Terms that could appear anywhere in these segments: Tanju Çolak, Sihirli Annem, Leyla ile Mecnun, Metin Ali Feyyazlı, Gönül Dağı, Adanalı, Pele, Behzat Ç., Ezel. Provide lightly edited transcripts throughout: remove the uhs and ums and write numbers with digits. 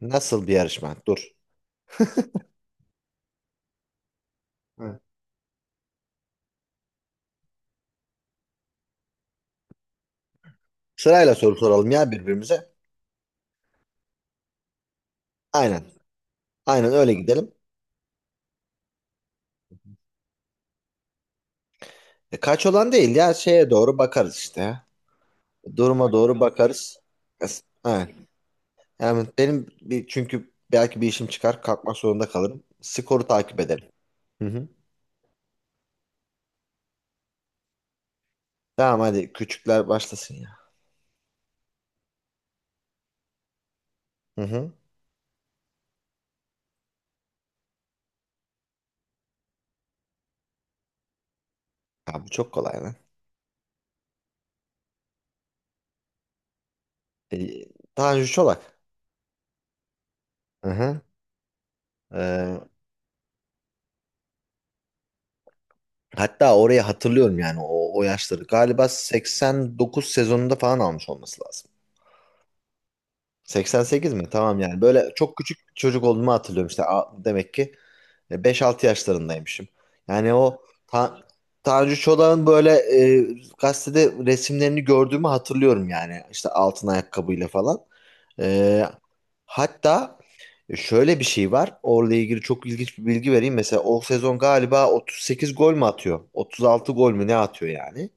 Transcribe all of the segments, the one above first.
Nasıl bir yarışma? Dur. Ha. Sırayla soru soralım ya birbirimize. Aynen. Aynen öyle gidelim. Kaç olan değil ya şeye doğru bakarız işte. Duruma doğru bakarız. Aynen. Yani çünkü belki bir işim çıkar kalkmak zorunda kalırım. Skoru takip edelim. Hı hı. Tamam hadi küçükler başlasın ya. Hı hı. Ya bu çok kolay lan. E, Tanju Çolak. Hı hı. E, hatta orayı hatırlıyorum yani o yaşları. Galiba 89 sezonunda falan almış olması lazım. 88 mi? Tamam yani. Böyle çok küçük bir çocuk olduğumu hatırlıyorum işte. Demek ki beş altı yaşlarındaymışım. Yani o Ta Tanju Çolak'ın böyle gazetede resimlerini gördüğümü hatırlıyorum yani. İşte altın ayakkabıyla falan. E, hatta şöyle bir şey var. Orla ilgili çok ilginç bir bilgi vereyim. Mesela o sezon galiba 38 gol mü atıyor? 36 gol mü ne atıyor yani?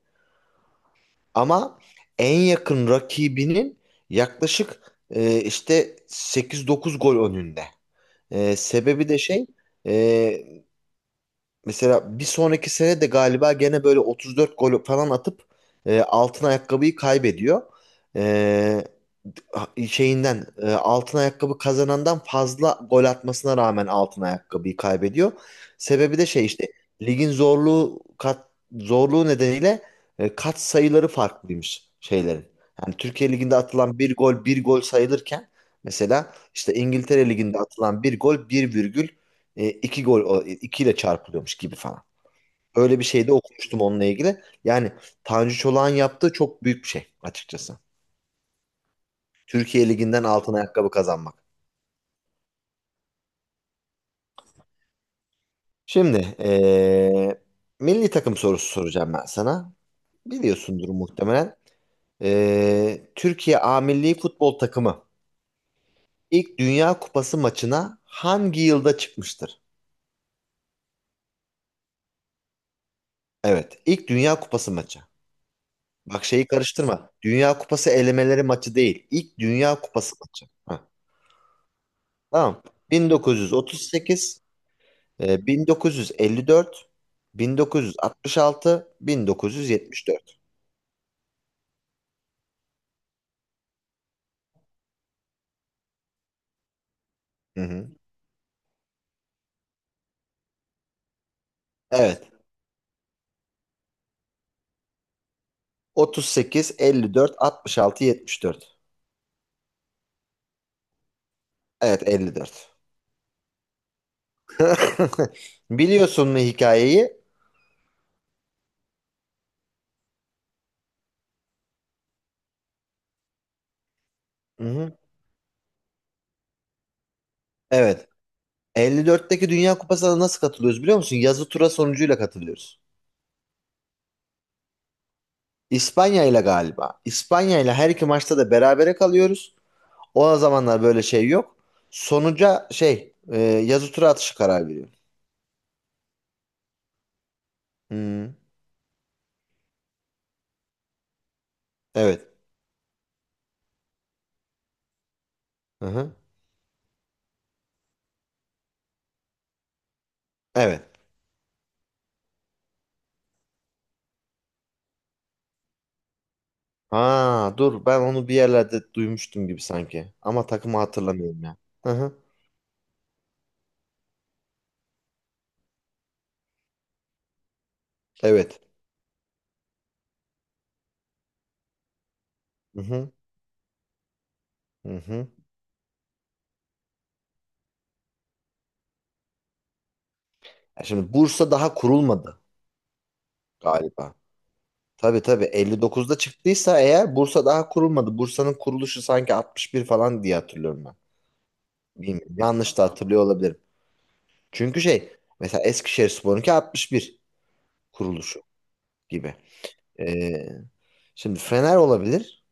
Ama en yakın rakibinin yaklaşık işte sekiz dokuz gol önünde. Sebebi de şey e, Mesela bir sonraki sene de galiba gene böyle 34 gol falan atıp altın ayakkabıyı kaybediyor. E, şeyinden altın ayakkabı kazanandan fazla gol atmasına rağmen altın ayakkabıyı kaybediyor. Sebebi de şey işte ligin zorluğu zorluğu nedeniyle kat sayıları farklıymış şeylerin. Yani Türkiye Ligi'nde atılan bir gol bir gol sayılırken mesela işte İngiltere Ligi'nde atılan bir gol bir virgül iki gol ikiyle çarpılıyormuş gibi falan. Öyle bir şey de okumuştum onunla ilgili. Yani Tanju Çolak'ın yaptığı çok büyük bir şey açıkçası. Türkiye Ligi'nden altın ayakkabı kazanmak. Şimdi milli takım sorusu soracağım ben sana. Biliyorsundur muhtemelen. Türkiye A Milli Futbol Takımı ilk Dünya Kupası maçına hangi yılda çıkmıştır? Evet, ilk Dünya Kupası maçı. Bak şeyi karıştırma. Dünya Kupası elemeleri maçı değil. İlk Dünya Kupası maçı. Heh. Tamam. 1938, 1954, 1966, 1974. Hı hı. Evet. 38, 54, 66, 74. Evet, 54. Biliyorsun mu hikayeyi? Hı hı. Evet. 54'teki Dünya Kupası'na nasıl katılıyoruz biliyor musun? Yazı tura sonucuyla katılıyoruz. İspanya ile galiba. İspanya ile her iki maçta da berabere kalıyoruz. O zamanlar böyle şey yok. Sonuca şey yazı tura atışı karar veriyor. Hmm, evet. Hı-hı. Evet. Ha dur ben onu bir yerlerde duymuştum gibi sanki. Ama takımı hatırlamıyorum ya. Hı-hı. Evet. Hı-hı. Hı-hı. Ya şimdi Bursa daha kurulmadı galiba. Tabii tabii 59'da çıktıysa eğer Bursa daha kurulmadı. Bursa'nın kuruluşu sanki 61 falan diye hatırlıyorum ben. Bilmiyorum. Yanlış da hatırlıyor olabilirim. Çünkü şey mesela Eskişehirspor'unki 61 kuruluşu gibi. Ee, Şimdi Fener olabilir.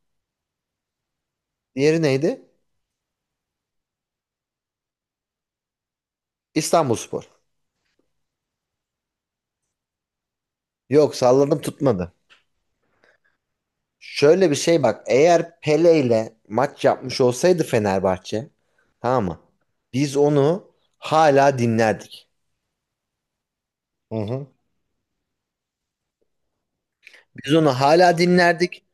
Diğeri neydi? İstanbulspor. Yok salladım tutmadı. Şöyle bir şey bak. Eğer Pele ile maç yapmış olsaydı Fenerbahçe tamam mı? Biz onu hala dinlerdik. Hı hı. Biz onu hala dinlerdik.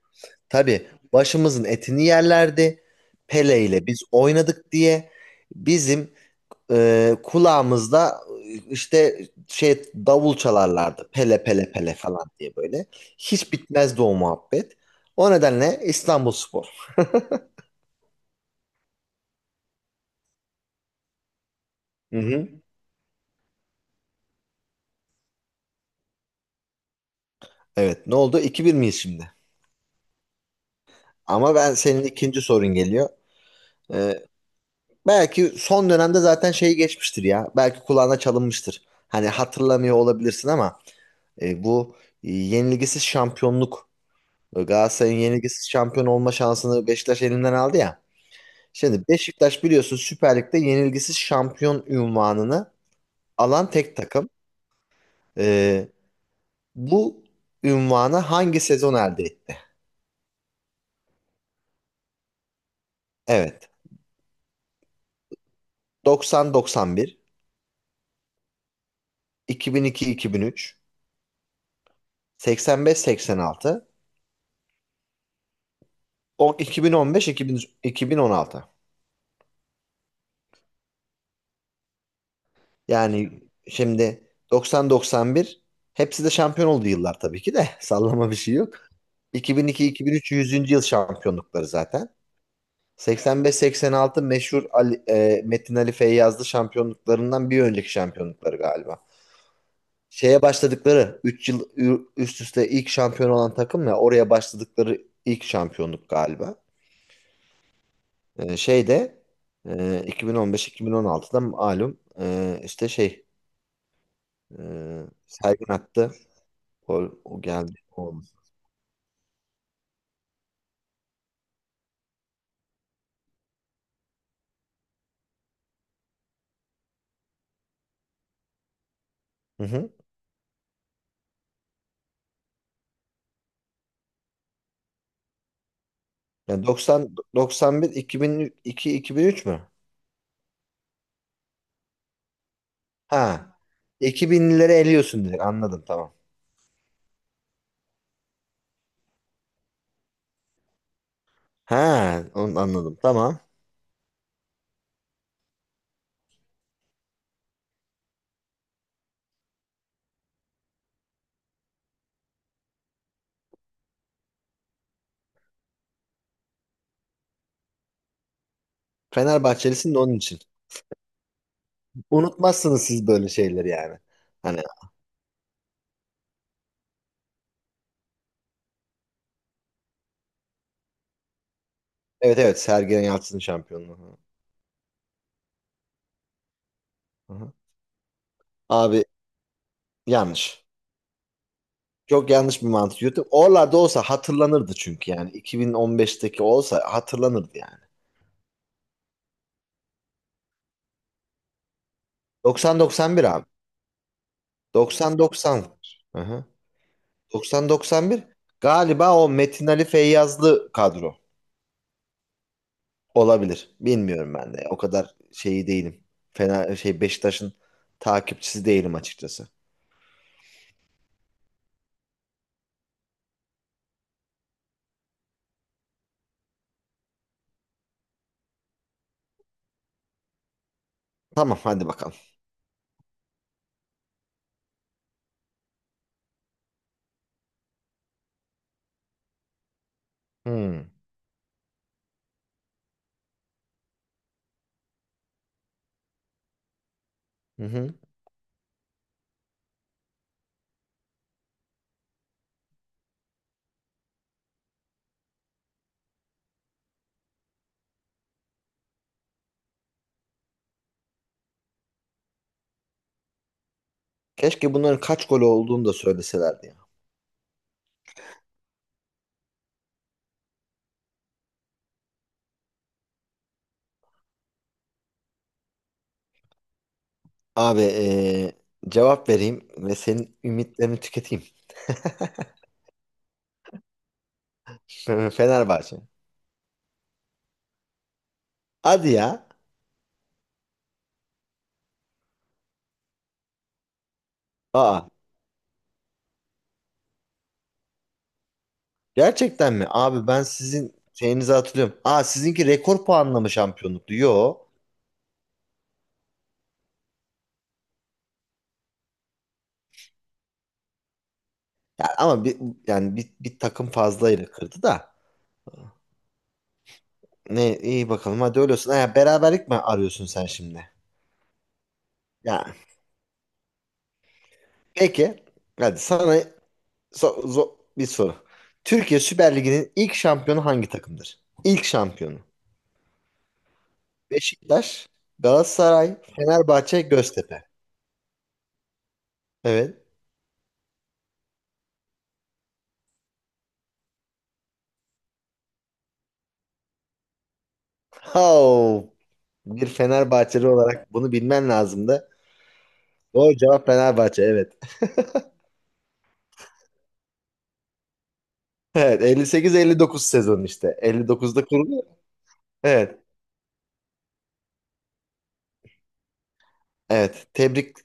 Tabii başımızın etini yerlerdi. Pele ile biz oynadık diye bizim kulağımızda işte şey davul çalarlardı pele pele pele falan diye böyle. Hiç bitmezdi o muhabbet. O nedenle İstanbulspor. Hı hı. Evet ne oldu? 2 bir miyiz şimdi? Ama ben senin ikinci sorun geliyor. Ee, belki son dönemde zaten şeyi geçmiştir ya. Belki kulağına çalınmıştır. Hani hatırlamıyor olabilirsin ama bu yenilgisiz şampiyonluk Galatasaray'ın yenilgisiz şampiyon olma şansını Beşiktaş elinden aldı ya. Şimdi Beşiktaş biliyorsun Süper Lig'de yenilgisiz şampiyon ünvanını alan tek takım. Ee, bu ünvanı hangi sezon elde etti? Evet. 90-91, 2002-2003, 85-86, 2015-2016. Yani şimdi 90-91 hepsi de şampiyon oldu yıllar tabii ki de. Sallama bir şey yok. 2002-2003 yüzüncü yıl şampiyonlukları zaten. 85-86 meşhur Metin Ali Feyyazlı şampiyonluklarından bir önceki şampiyonlukları galiba. Şeye başladıkları 3 yıl üst üste ilk şampiyon olan takım ya oraya başladıkları ilk şampiyonluk galiba. Şeyde e, 2015-2016'da malum işte şey e, Sergen attı. Gol, o geldi. O. Hı hı. Yani 90 91 2002 2003 mü? Ha. 2000'leri eliyorsun direkt anladım tamam. Ha, onu anladım. Tamam. Fenerbahçelisin de onun için. Unutmazsınız siz böyle şeyleri yani. Hani evet evet Sergen Yalçın'ın şampiyonluğu. Hı hı. Abi yanlış. Çok yanlış bir mantık yürüttüm. Oralarda olsa hatırlanırdı çünkü yani. 2015'teki olsa hatırlanırdı yani. 90-91 abi. 90-90. Hı hı. 90-91 galiba o Metin Ali Feyyazlı kadro. Olabilir. Bilmiyorum ben de. O kadar şeyi değilim. Fena şey Beşiktaş'ın takipçisi değilim açıkçası. Tamam hadi bakalım. Hmm. Hı hı. Keşke bunların kaç golü olduğunu da söyleselerdi ya. Abi cevap vereyim ve senin ümitlerini tüketeyim. Fenerbahçe. Hadi ya. Aa gerçekten mi? Abi ben sizin şeyinizi hatırlıyorum. Aa sizinki rekor puanla mı şampiyonluktu? Yo. Ya ama yani bir takım fazlayla kırdı da. Ne iyi bakalım hadi öyle olsun. Ha, beraberlik mi arıyorsun sen şimdi? Ya peki. Hadi sana bir soru. Türkiye Süper Ligi'nin ilk şampiyonu hangi takımdır? İlk şampiyonu. Beşiktaş, Galatasaray, Fenerbahçe, Göztepe. Evet. Oh, bir Fenerbahçeli olarak bunu bilmen lazımdı. Doğru cevap Fenerbahçe evet. Evet 58-59 sezon işte. 59'da kuruluyor. Evet. Evet, tebrik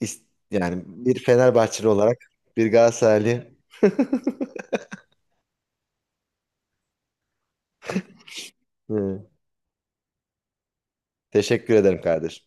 is- yani bir Fenerbahçeli olarak bir Galatasaraylı. Hı. Teşekkür ederim kardeşim.